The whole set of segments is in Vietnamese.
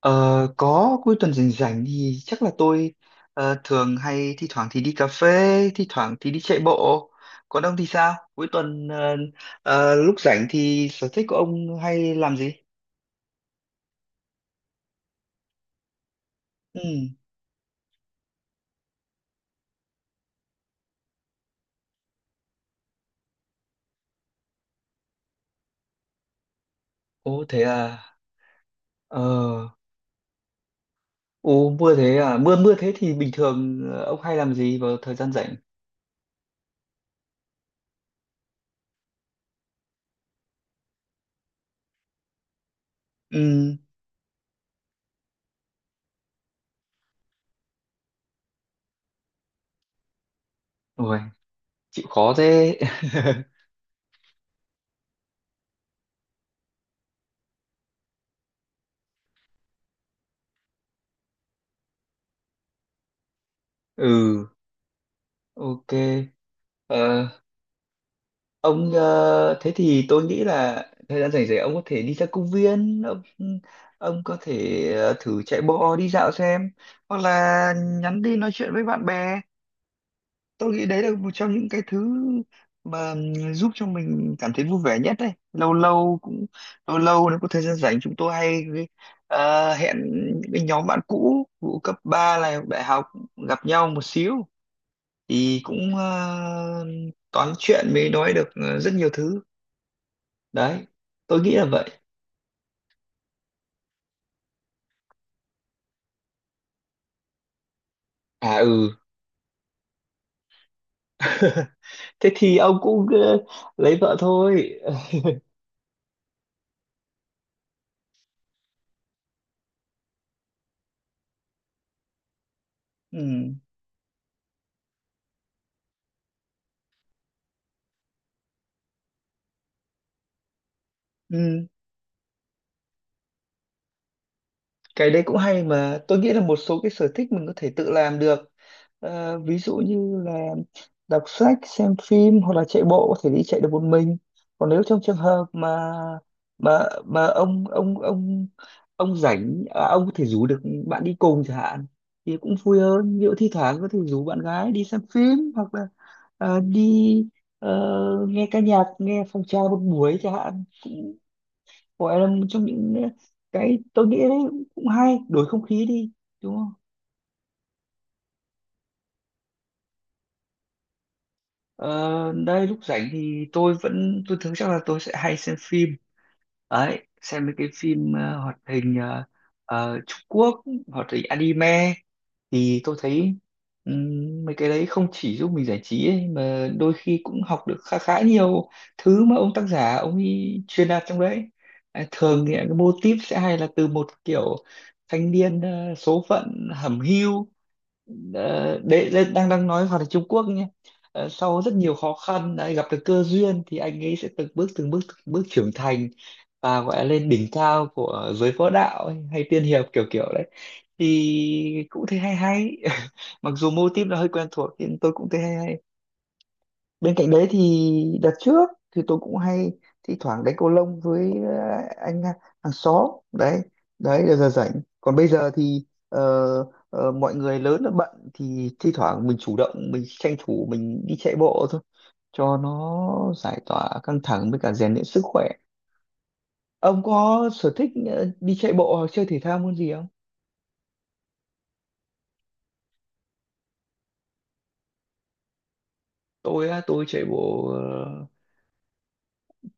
Ờ, có cuối tuần rảnh rảnh thì chắc là tôi thường hay thi thoảng thì đi cà phê, thi thoảng thì đi chạy bộ. Còn ông thì sao? Cuối tuần lúc rảnh thì sở thích của ông hay làm gì? Ừ. Ồ, thế à. Ờ. Ồ, mưa thế à. Mưa mưa thế thì bình thường ông hay làm gì vào thời gian rảnh? Ừ. Ôi, chịu khó thế. Ừ. Ok. Ờ, Thế thì tôi nghĩ là thời gian rảnh rỗi ông có thể đi ra công viên, ông có thể thử chạy bộ đi dạo xem, hoặc là nhắn đi nói chuyện với bạn bè. Tôi nghĩ đấy là một trong những cái thứ mà giúp cho mình cảm thấy vui vẻ nhất đấy. Lâu lâu cũng Lâu lâu nếu có thời gian rảnh chúng tôi hay hẹn những cái nhóm bạn cũ vụ cấp 3 này, đại học, gặp nhau một xíu thì cũng toán chuyện mới nói được rất nhiều thứ. Đấy, tôi nghĩ là vậy. À, ừ. Thế thì ông cũng lấy vợ thôi. Ừ, ừ, cái đấy cũng hay mà tôi nghĩ là một số cái sở thích mình có thể tự làm được. Ví dụ như là đọc sách, xem phim hoặc là chạy bộ có thể đi chạy được một mình. Còn nếu trong trường hợp mà mà mà ông ông ông ông rảnh à, ông có thể rủ được bạn đi cùng chẳng hạn thì cũng vui hơn. Ví dụ thi thoảng có thể rủ bạn gái đi xem phim hoặc là đi ờ, nghe ca nhạc, nghe phòng trà một buổi chẳng hạn, gọi là một trong những cái tôi nghĩ đấy cũng hay đổi không khí đi, đúng không? Ờ, Đây lúc rảnh thì tôi thường, chắc là tôi sẽ hay xem phim. Đấy, xem mấy cái phim hoạt hình, Trung Quốc, hoạt hình anime thì tôi thấy mấy cái đấy không chỉ giúp mình giải trí ấy, mà đôi khi cũng học được khá khá nhiều thứ mà ông tác giả ông ấy truyền đạt trong đấy. À, thường thì cái mô típ sẽ hay là từ một kiểu thanh niên số phận hẩm hiu. Đấy đấy, đang đang nói hoạt động Trung Quốc nhé. Sau rất nhiều khó khăn đã gặp được cơ duyên thì anh ấy sẽ từng bước từng bước từng bước trưởng thành và gọi là lên đỉnh cao của giới võ đạo ấy, hay tiên hiệp kiểu kiểu đấy thì cũng thấy hay hay. Mặc dù mô típ nó hơi quen thuộc nhưng tôi cũng thấy hay hay. Bên cạnh đấy thì đợt trước thì tôi cũng hay thi thoảng đánh cầu lông với anh hàng xóm. Đấy, đấy là giờ rảnh. Còn bây giờ thì mọi người lớn là bận thì thi thoảng mình chủ động mình tranh thủ mình đi chạy bộ thôi, cho nó giải tỏa căng thẳng với cả rèn luyện sức khỏe. Ông có sở thích đi chạy bộ hoặc chơi thể thao môn gì không? Tôi á, tôi chạy bộ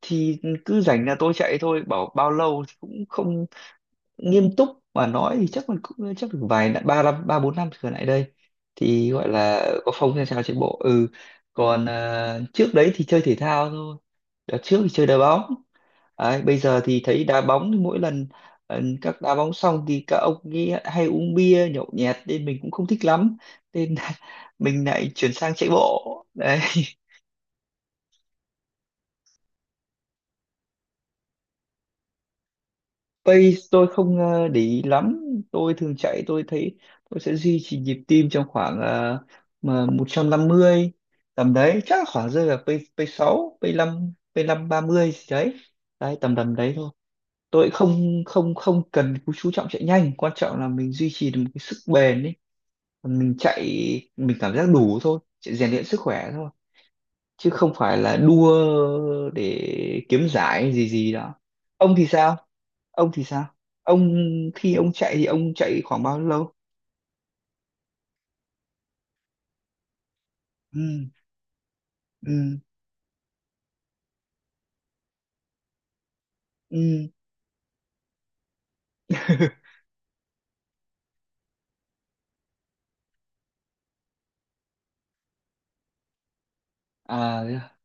thì cứ rảnh là tôi chạy thôi, bao lâu thì cũng không nghiêm túc mà nói thì chắc mình cũng chắc được vài năm, ba năm ba bốn năm trở lại đây thì gọi là có phong trào chạy bộ. Ừ, còn à, trước đấy thì chơi thể thao thôi. Đợt trước thì chơi đá bóng. Đấy, bây giờ thì thấy đá bóng thì mỗi lần ờ, các đá bóng xong thì các ông ấy hay uống bia nhậu nhẹt nên mình cũng không thích lắm, nên mình lại chuyển sang chạy bộ đấy. Pace tôi không để ý lắm. Tôi thường chạy tôi thấy tôi sẽ duy trì nhịp tim trong khoảng ờ, mà 150, tầm đấy chắc là khoảng rơi vào pace pace 6, pace 5, pace 5:30 gì đấy. Đấy, tầm tầm đấy thôi. Tôi không không không cần chú trọng chạy nhanh, quan trọng là mình duy trì được một cái sức bền ấy. Mình chạy mình cảm giác đủ thôi, chạy rèn luyện sức khỏe thôi, chứ không phải là đua để kiếm giải gì gì đó. Ông thì sao? Ông thì sao? ông Khi ông chạy thì ông chạy khoảng bao lâu? Ừ, ừ, ừ. À,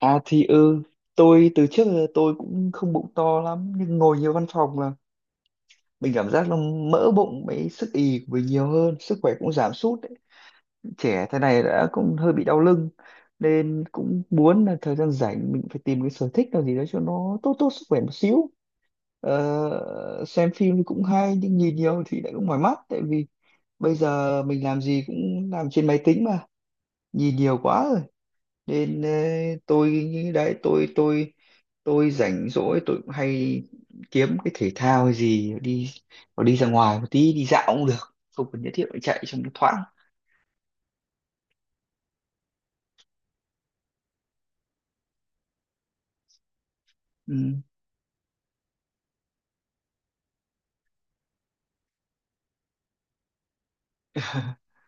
à, thì ừ, tôi từ trước giờ tôi cũng không bụng to lắm nhưng ngồi nhiều văn phòng là mình cảm giác là mỡ bụng với sức ì của mình nhiều hơn, sức khỏe cũng giảm sút, trẻ thế này đã cũng hơi bị đau lưng, nên cũng muốn là thời gian rảnh mình phải tìm cái sở thích nào gì đó cho nó tốt tốt sức khỏe một xíu. Ờ, xem phim thì cũng hay nhưng nhìn nhiều thì lại cũng mỏi mắt, tại vì bây giờ mình làm gì cũng làm trên máy tính mà, nhìn nhiều quá rồi. Nên tôi nghĩ đấy, tôi rảnh rỗi tôi cũng hay kiếm cái thể thao hay gì đi, hoặc đi ra ngoài một tí đi dạo cũng được, không cần nhất thiết phải chạy, trong nó thoáng. Ừ.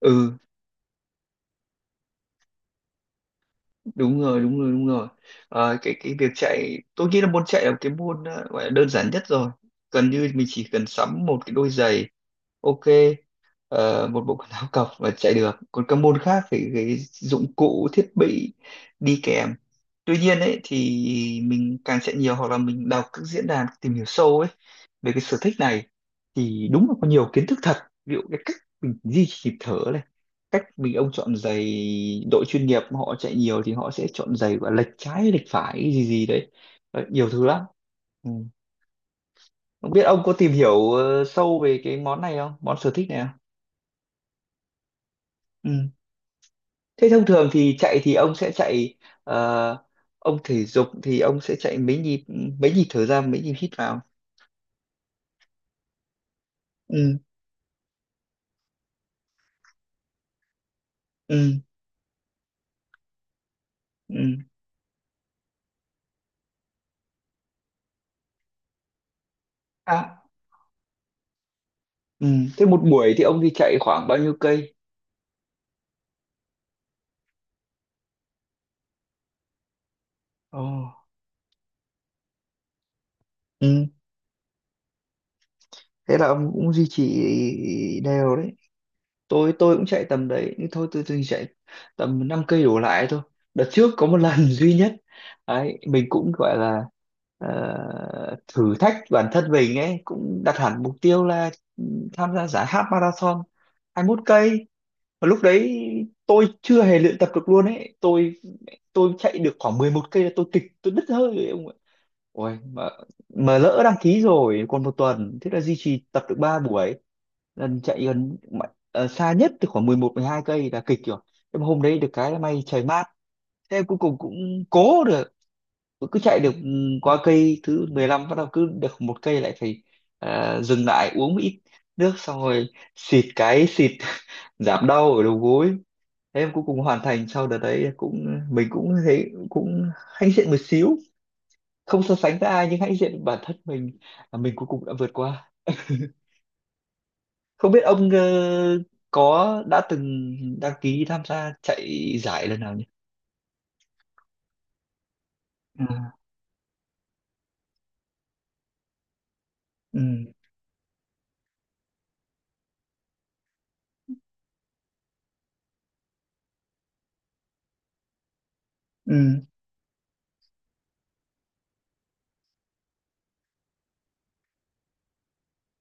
Ừ, đúng rồi, đúng rồi, đúng rồi. Ờ, cái việc chạy tôi nghĩ là môn chạy là một cái môn gọi là đơn giản nhất rồi. Gần như mình chỉ cần sắm một cái đôi giày, ok, một bộ quần áo cộc và chạy được, còn các môn khác phải cái dụng cụ thiết bị đi kèm. Tuy nhiên ấy thì mình càng chạy nhiều hoặc là mình đọc các diễn đàn tìm hiểu sâu ấy về cái sở thích này thì đúng là có nhiều kiến thức thật. Ví dụ cái cách mình duy trì nhịp thở này, cách mình ông chọn giày, đội chuyên nghiệp họ chạy nhiều thì họ sẽ chọn giày và lệch trái lệch phải gì gì đấy. Đấy, nhiều thứ lắm. Ừ, không biết ông có tìm hiểu sâu về cái món này không, món sở thích này không? Ừ, thế thông thường thì chạy thì ông sẽ chạy ờ, ông thể dục thì ông sẽ chạy mấy nhịp, mấy nhịp thở ra mấy nhịp hít vào? Ừ, ừ, ừ. À. Ừ. Thế một buổi thì ông đi chạy khoảng bao nhiêu cây? Ồ. Ừ. Thế là ông cũng duy trì đều đấy. Tôi cũng chạy tầm đấy, nhưng thôi tôi chạy tầm 5 cây đổ lại thôi. Đợt trước có một lần duy nhất, đấy, mình cũng gọi là thử thách bản thân mình ấy, cũng đặt hẳn mục tiêu là tham gia giải half marathon 21 cây. Và lúc đấy tôi chưa hề luyện tập được luôn ấy. Tôi chạy được khoảng 11 cây là tôi kịch, tôi đứt hơi rồi, ông ạ. Ôi, mà lỡ đăng ký rồi còn một tuần, thế là duy trì tập được ba buổi, lần chạy gần mà- xa nhất thì khoảng 11 hai cây là kịch rồi, nhưng mà hôm đấy được cái là may trời mát, thế em cuối cùng cũng cố được, cứ chạy được qua cây thứ 15 bắt đầu cứ được một cây lại phải dừng lại uống một ít nước, xong rồi xịt cái xịt giảm đau ở đầu gối. Thế em cuối cùng hoàn thành. Sau đợt đấy cũng mình cũng thấy cũng hãnh diện một xíu, không so sánh với ai nhưng hãy diện bản thân mình là mình cuối cùng đã vượt qua. Không biết ông có đã từng đăng ký tham gia chạy giải lần nào nhỉ? Ừ, ừ, ừ,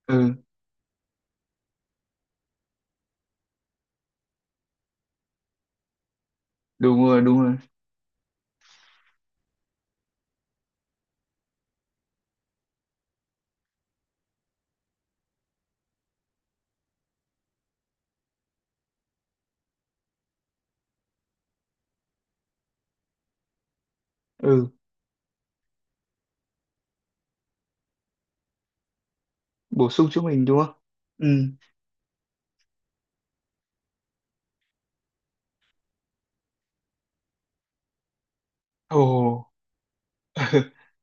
ừ, đúng rồi, đúng rồi. Ừ, bổ sung cho mình đúng không? Ừ. Ồ.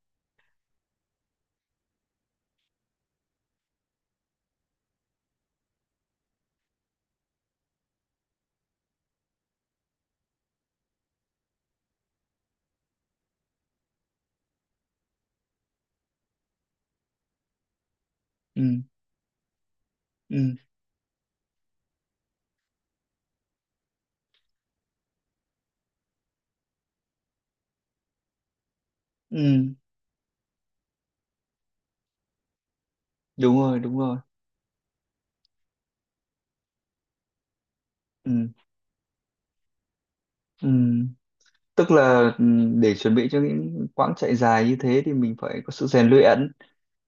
Ừ, ừ, ừ, đúng rồi, đúng rồi. Ừ, ừ, tức là ừ, để chuẩn bị cho những quãng chạy dài như thế thì mình phải có sự rèn luyện.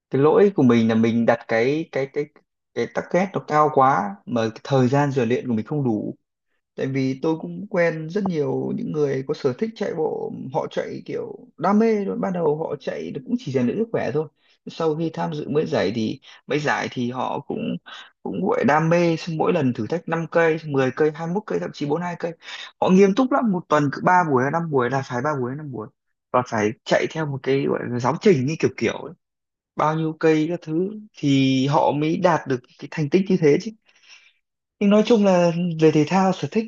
Cái lỗi của mình là mình đặt cái cái target nó cao quá mà cái thời gian rèn luyện của mình không đủ, tại vì tôi cũng quen rất nhiều những người có sở thích chạy bộ, họ chạy kiểu đam mê rồi, ban đầu họ chạy được cũng chỉ rèn luyện sức khỏe thôi, sau khi tham dự mấy giải thì họ cũng cũng gọi đam mê, xong mỗi lần thử thách 5 cây, 10 cây, 21 cây, thậm chí 42 cây, họ nghiêm túc lắm, một tuần cứ 3 buổi hay 5 buổi là phải 3 buổi hay 5 buổi, và phải chạy theo một cái gọi là giáo trình như kiểu kiểu ấy, bao nhiêu cây các thứ, thì họ mới đạt được cái thành tích như thế chứ. Nhưng nói chung là về thể thao sở thích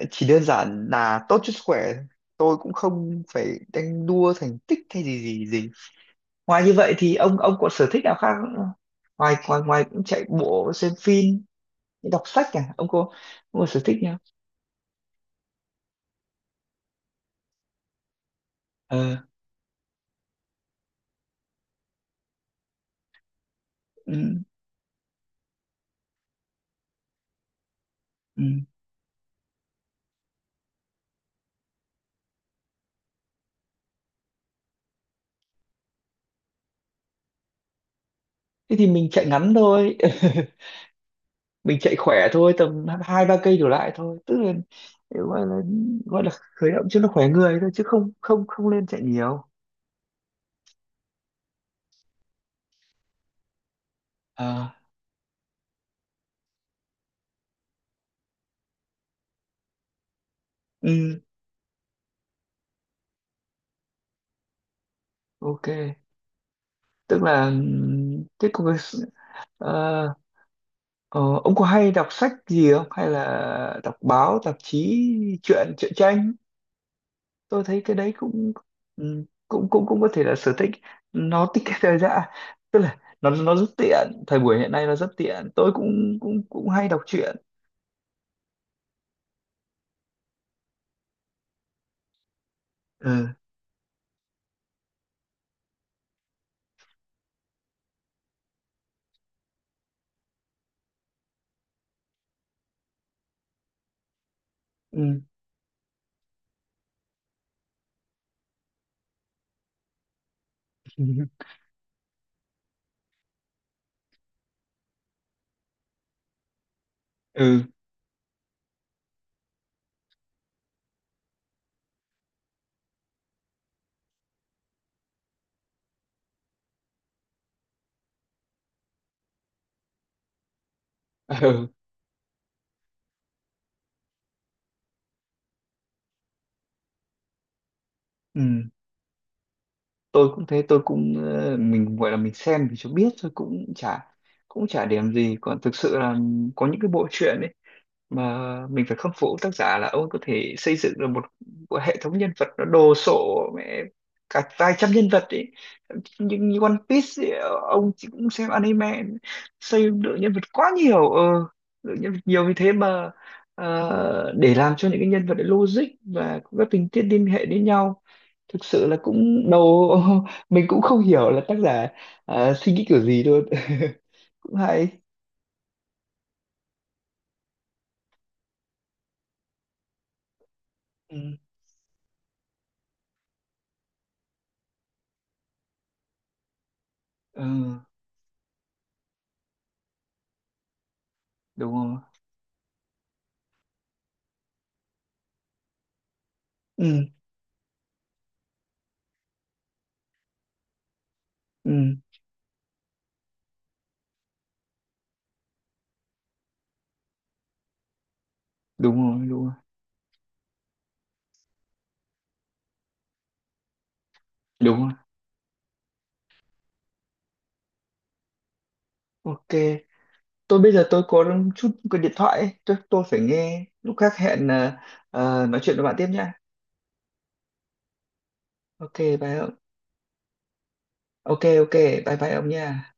chỉ đơn giản là tốt cho sức khỏe, tôi cũng không phải đánh đua thành tích hay gì gì gì. Ngoài như vậy thì ông có sở thích nào khác không? Ngoài ngoài ngoài cũng chạy bộ, xem phim, đọc sách, à ông có sở thích nào? Ờ, ừ, ừ, thế thì mình chạy ngắn thôi, mình chạy khỏe thôi, tầm hai ba cây đổ lại thôi, tức là gọi là khởi động cho nó khỏe người thôi chứ không không không nên chạy nhiều. À. Ừ. Ok, tức là thế còn cái- ờ, ông có hay đọc sách gì không, hay là đọc báo tạp chí, truyện truyện tranh? Tôi thấy cái đấy cũng cũng có thể là sở thích, nó tiết kiệm thời gian, tức là nó rất tiện, thời buổi hiện nay nó rất tiện, tôi cũng cũng cũng hay đọc truyện. Ừ. Ừ. Ừ, ừ. Ừ. Ừ. Tôi cũng thế, tôi cũng mình gọi là mình xem thì cho biết thôi, cũng chả điểm gì. Còn thực sự là có những cái bộ truyện mà mình phải khâm phục tác giả là ông ấy có thể xây dựng được một hệ thống nhân vật nó đồ sộ mẹ cả vài trăm nhân vật ấy, nhưng như One Piece ấy, ông chỉ cũng xem anime, xây lượng nhân vật quá nhiều, lượng nhân vật nhiều như thế mà để làm cho những cái nhân vật đấy logic và có các tình tiết liên hệ đến nhau, thực sự là cũng đầu mình cũng không hiểu là tác giả suy nghĩ kiểu gì luôn. Cũng hay. Ừ, ừ, đúng không? Ừ, đúng rồi, đúng rồi, đúng rồi. Ok, tôi bây giờ tôi có chút cái điện thoại ấy. Tôi phải nghe lúc khác, hẹn nói chuyện với bạn tiếp nha. Ok, bye ông. Ok, ok, bye bye ông nha.